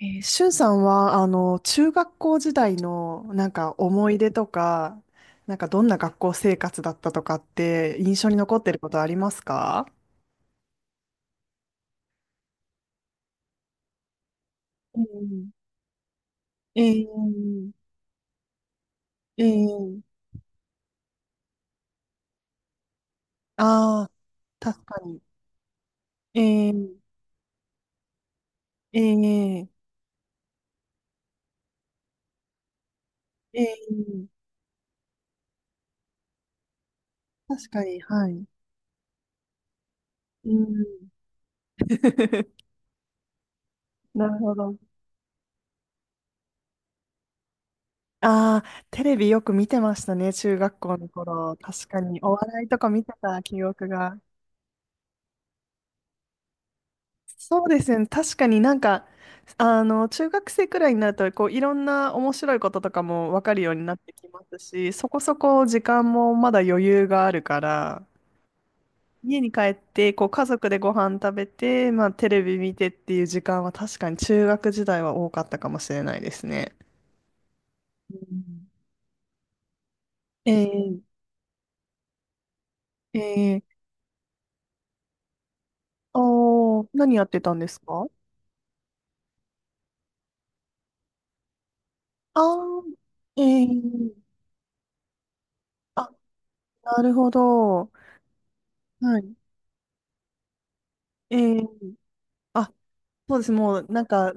しゅんさんは、中学校時代の、なんか思い出とか、なんかどんな学校生活だったとかって、印象に残ってることありますか？うん。ええ。え。え。ああー、確かに。え。え。え。え。えー。確かに、はい。うん。なるほど。ああ、テレビよく見てましたね、中学校の頃。確かに、お笑いとか見てた記憶が。そうですよね。確かになんか、中学生くらいになると、こう、いろんな面白いこととかも分かるようになってきますし、そこそこ時間もまだ余裕があるから、家に帰って、こう、家族でご飯食べて、まあ、テレビ見てっていう時間は確かに中学時代は多かったかもしれないですね。うん。えー。えー。おー、何やってたんですか？ああー。えー。あ、なるほど。はい。えー。あ、そうです。もう、なんか、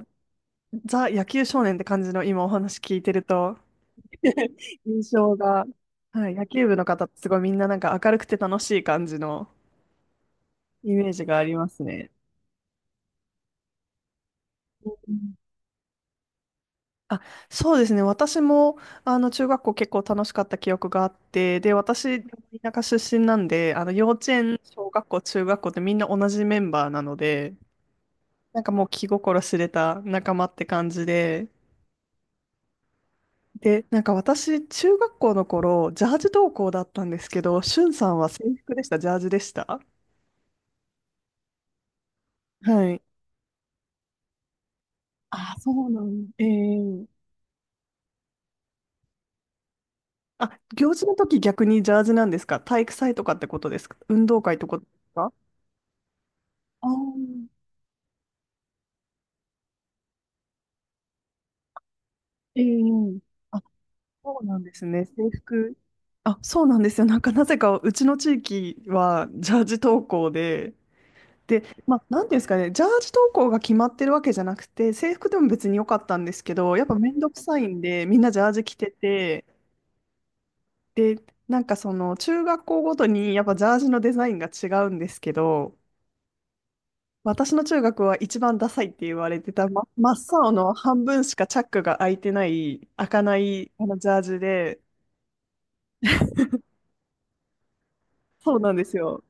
ザ・野球少年って感じの今お話聞いてると、印象が、はい、野球部の方ってすごいみんななんか明るくて楽しい感じのイメージがありますね。うん。あ、そうですね。私も、中学校結構楽しかった記憶があって、で、私、田舎出身なんで、幼稚園、小学校、中学校ってみんな同じメンバーなので、なんかもう気心知れた仲間って感じで、で、なんか私、中学校の頃、ジャージ登校だったんですけど、しゅんさんは制服でした、ジャージでした？はい。あ、そうなん。ええ。あ、行事の時逆にジャージなんですか？体育祭とかってことですか？運動会とかですか？ああー。ええ。あ、そうなんですね。制服。あ、そうなんですよ。なんかなぜかうちの地域はジャージ登校で、で、まあ、なんていうんですかね、ジャージ投稿が決まってるわけじゃなくて、制服でも別に良かったんですけど、やっぱめんどくさいんで、みんなジャージ着てて、で、なんかその中学校ごとにやっぱジャージのデザインが違うんですけど、私の中学は一番ダサいって言われてた、ま、真っ青の半分しかチャックが開いてない、開かないあのジャージで、そうなんですよ。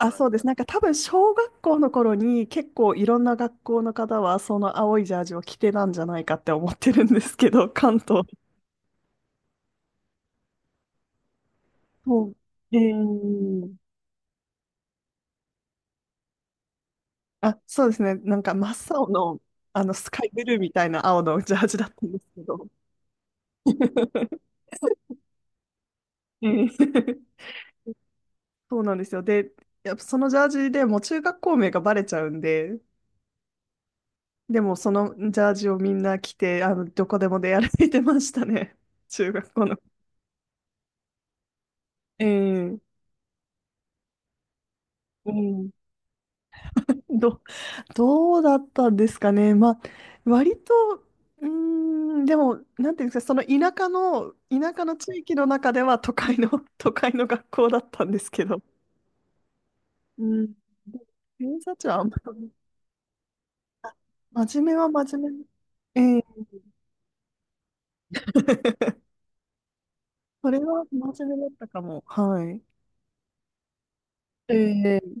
あ、そうです。なんか多分小学校の頃に結構いろんな学校の方はその青いジャージを着てたんじゃないかって思ってるんですけど、関東。そう。えー。あ、そうですね。なんか真っ青の、あのスカイブルーみたいな青のジャージだったんですけど。えー。 そうなんですよ。で、やっぱそのジャージでもう中学校名がバレちゃうんで、でもそのジャージをみんな着て、どこでも出歩いてましたね。中学校の。えー。うん。ど、どうだったんですかね。まあ、割と、うーん、でも、なんていうんですか、その田舎の地域の中では都会の、都会の学校だったんですけど、うん。で、偏差値はあんまり、真面目は真面目。ええ。 それは真面目だったかも。はい。ええ。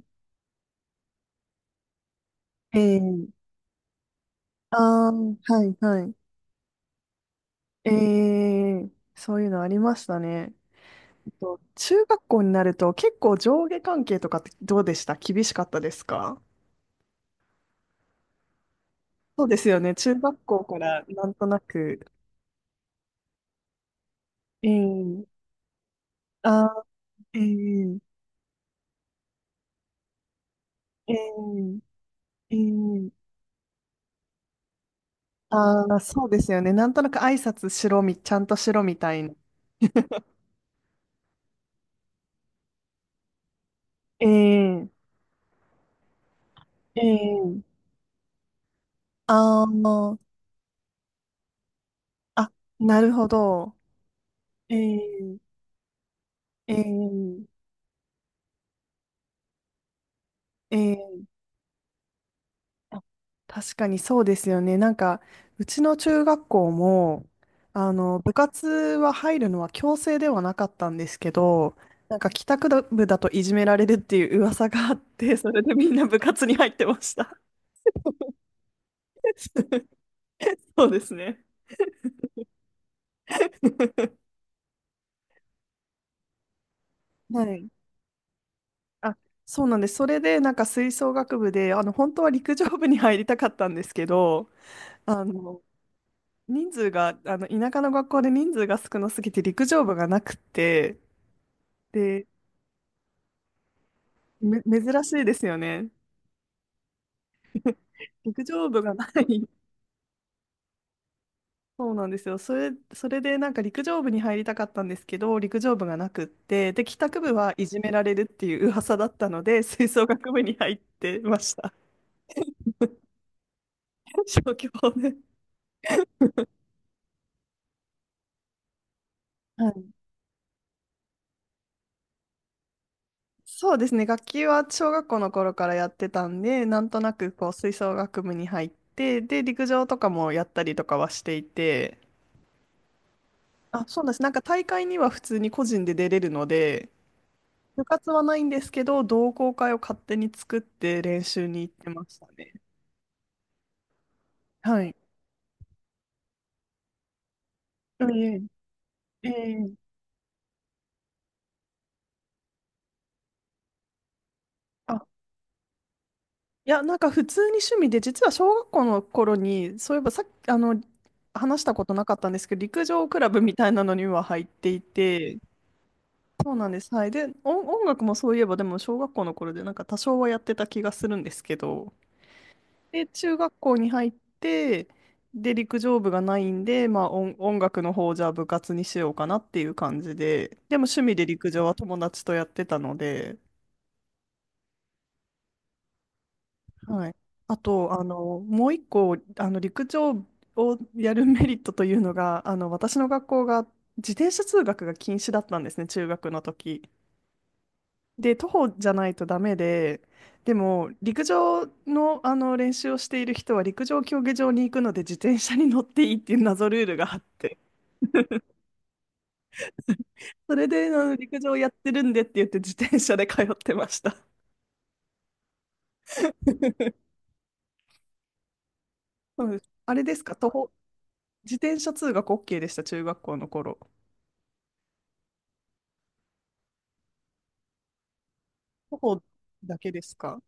ええ。ああー、はい、はい。ええ。そういうのありましたね。と、中学校になると結構上下関係とかってどうでした？厳しかったですか？そうですよね。中学校からなんとなく。ええ。ああ。ええ。ええ。えー。あー、そうですよね。なんとなく挨拶しろみ、ちゃんとしろみたいな。ええ。ええ。ああ、あ、なるほど。ええ。ええ。ええ。あ、確かにそうですよね。なんか、うちの中学校も、部活は入るのは強制ではなかったんですけど、なんか帰宅部だといじめられるっていう噂があって、それでみんな部活に入ってました。そうですね。はい。あ、そうなんです。それで、なんか吹奏楽部で、本当は陸上部に入りたかったんですけど、あの、人数が、田舎の学校で人数が少なすぎて陸上部がなくて、で、珍しいですよね。陸上部がない。そうなんですよ。それでなんか陸上部に入りたかったんですけど、陸上部がなくって、で、帰宅部はいじめられるっていう噂だったので、吹奏楽部に入ってました。小規模で。はい、そうですね。楽器は小学校の頃からやってたんで、なんとなくこう吹奏楽部に入って、で、陸上とかもやったりとかはしていて、あ、そうなんです。なんか大会には普通に個人で出れるので、部活はないんですけど、同好会を勝手に作って練習に行ってましたね。はい。うん。ええ。ええ。あ、いや、なんか普通に趣味で、実は小学校の頃に、そういえばさっき、話したことなかったんですけど、陸上クラブみたいなのには入っていて、そうなんです。はい。で、音楽もそういえば、でも小学校の頃で、なんか多少はやってた気がするんですけど、で、中学校に入って、で、陸上部がないんで、まあ音楽の方をじゃあ部活にしようかなっていう感じで、でも趣味で陸上は友達とやってたので、はい。あと、もう一個、陸上をやるメリットというのが、私の学校が自転車通学が禁止だったんですね、中学の時。で、徒歩じゃないとダメで、でも、陸上の、あの練習をしている人は、陸上競技場に行くので、自転車に乗っていいっていう謎ルールがあって、それで、あの陸上やってるんでって言って、自転車で通ってました。そうです。あれですか、徒歩、自転車通学 OK でした、中学校の頃？徒歩だけですか？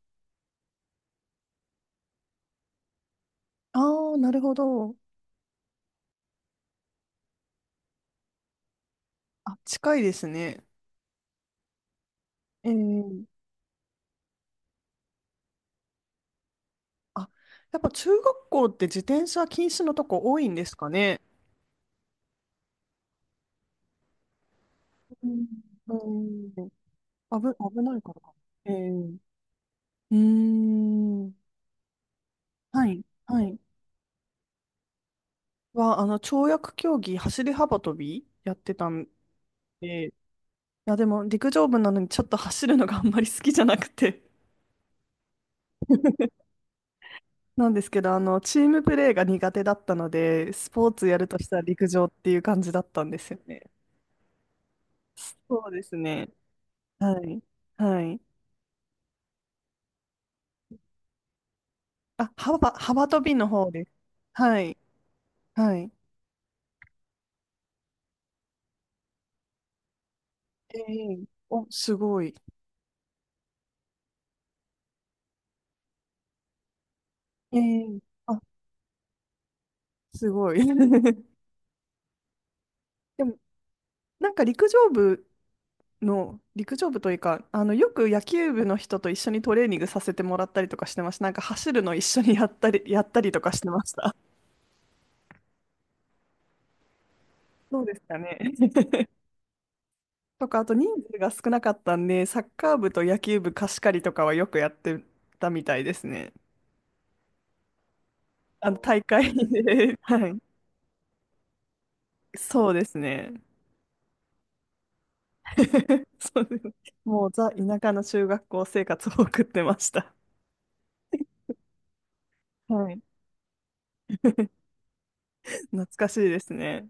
ああー、なるほど。あ、近いですね。えー。あ、やっぱ中学校って自転車禁止のとこ多いんですかね。うん、うん。危、危ないからか。ええ。うーん。はい、はい。跳躍競技、走り幅跳びやってたんで、いや、でも陸上部なのにちょっと走るのがあんまり好きじゃなくて。なんですけど、チームプレーが苦手だったので、スポーツやるとしたら陸上っていう感じだったんですよね。そうですね。はい。はい。あ、幅跳びの方です。はい。はい。ええ。お、すごい。ええ。あ、すごい。でも、なんか陸上部の、陸上部というか、よく野球部の人と一緒にトレーニングさせてもらったりとかしてました。なんか走るの一緒にやったり、やったりとかしてました。そうですかね。とか、あと人数が少なかったんで、サッカー部と野球部貸し借りとかはよくやってたみたいですね。大会で。はい。そうですね。そうです。もうザ・田舎の中学校生活を送ってました。はい。懐かしいですね。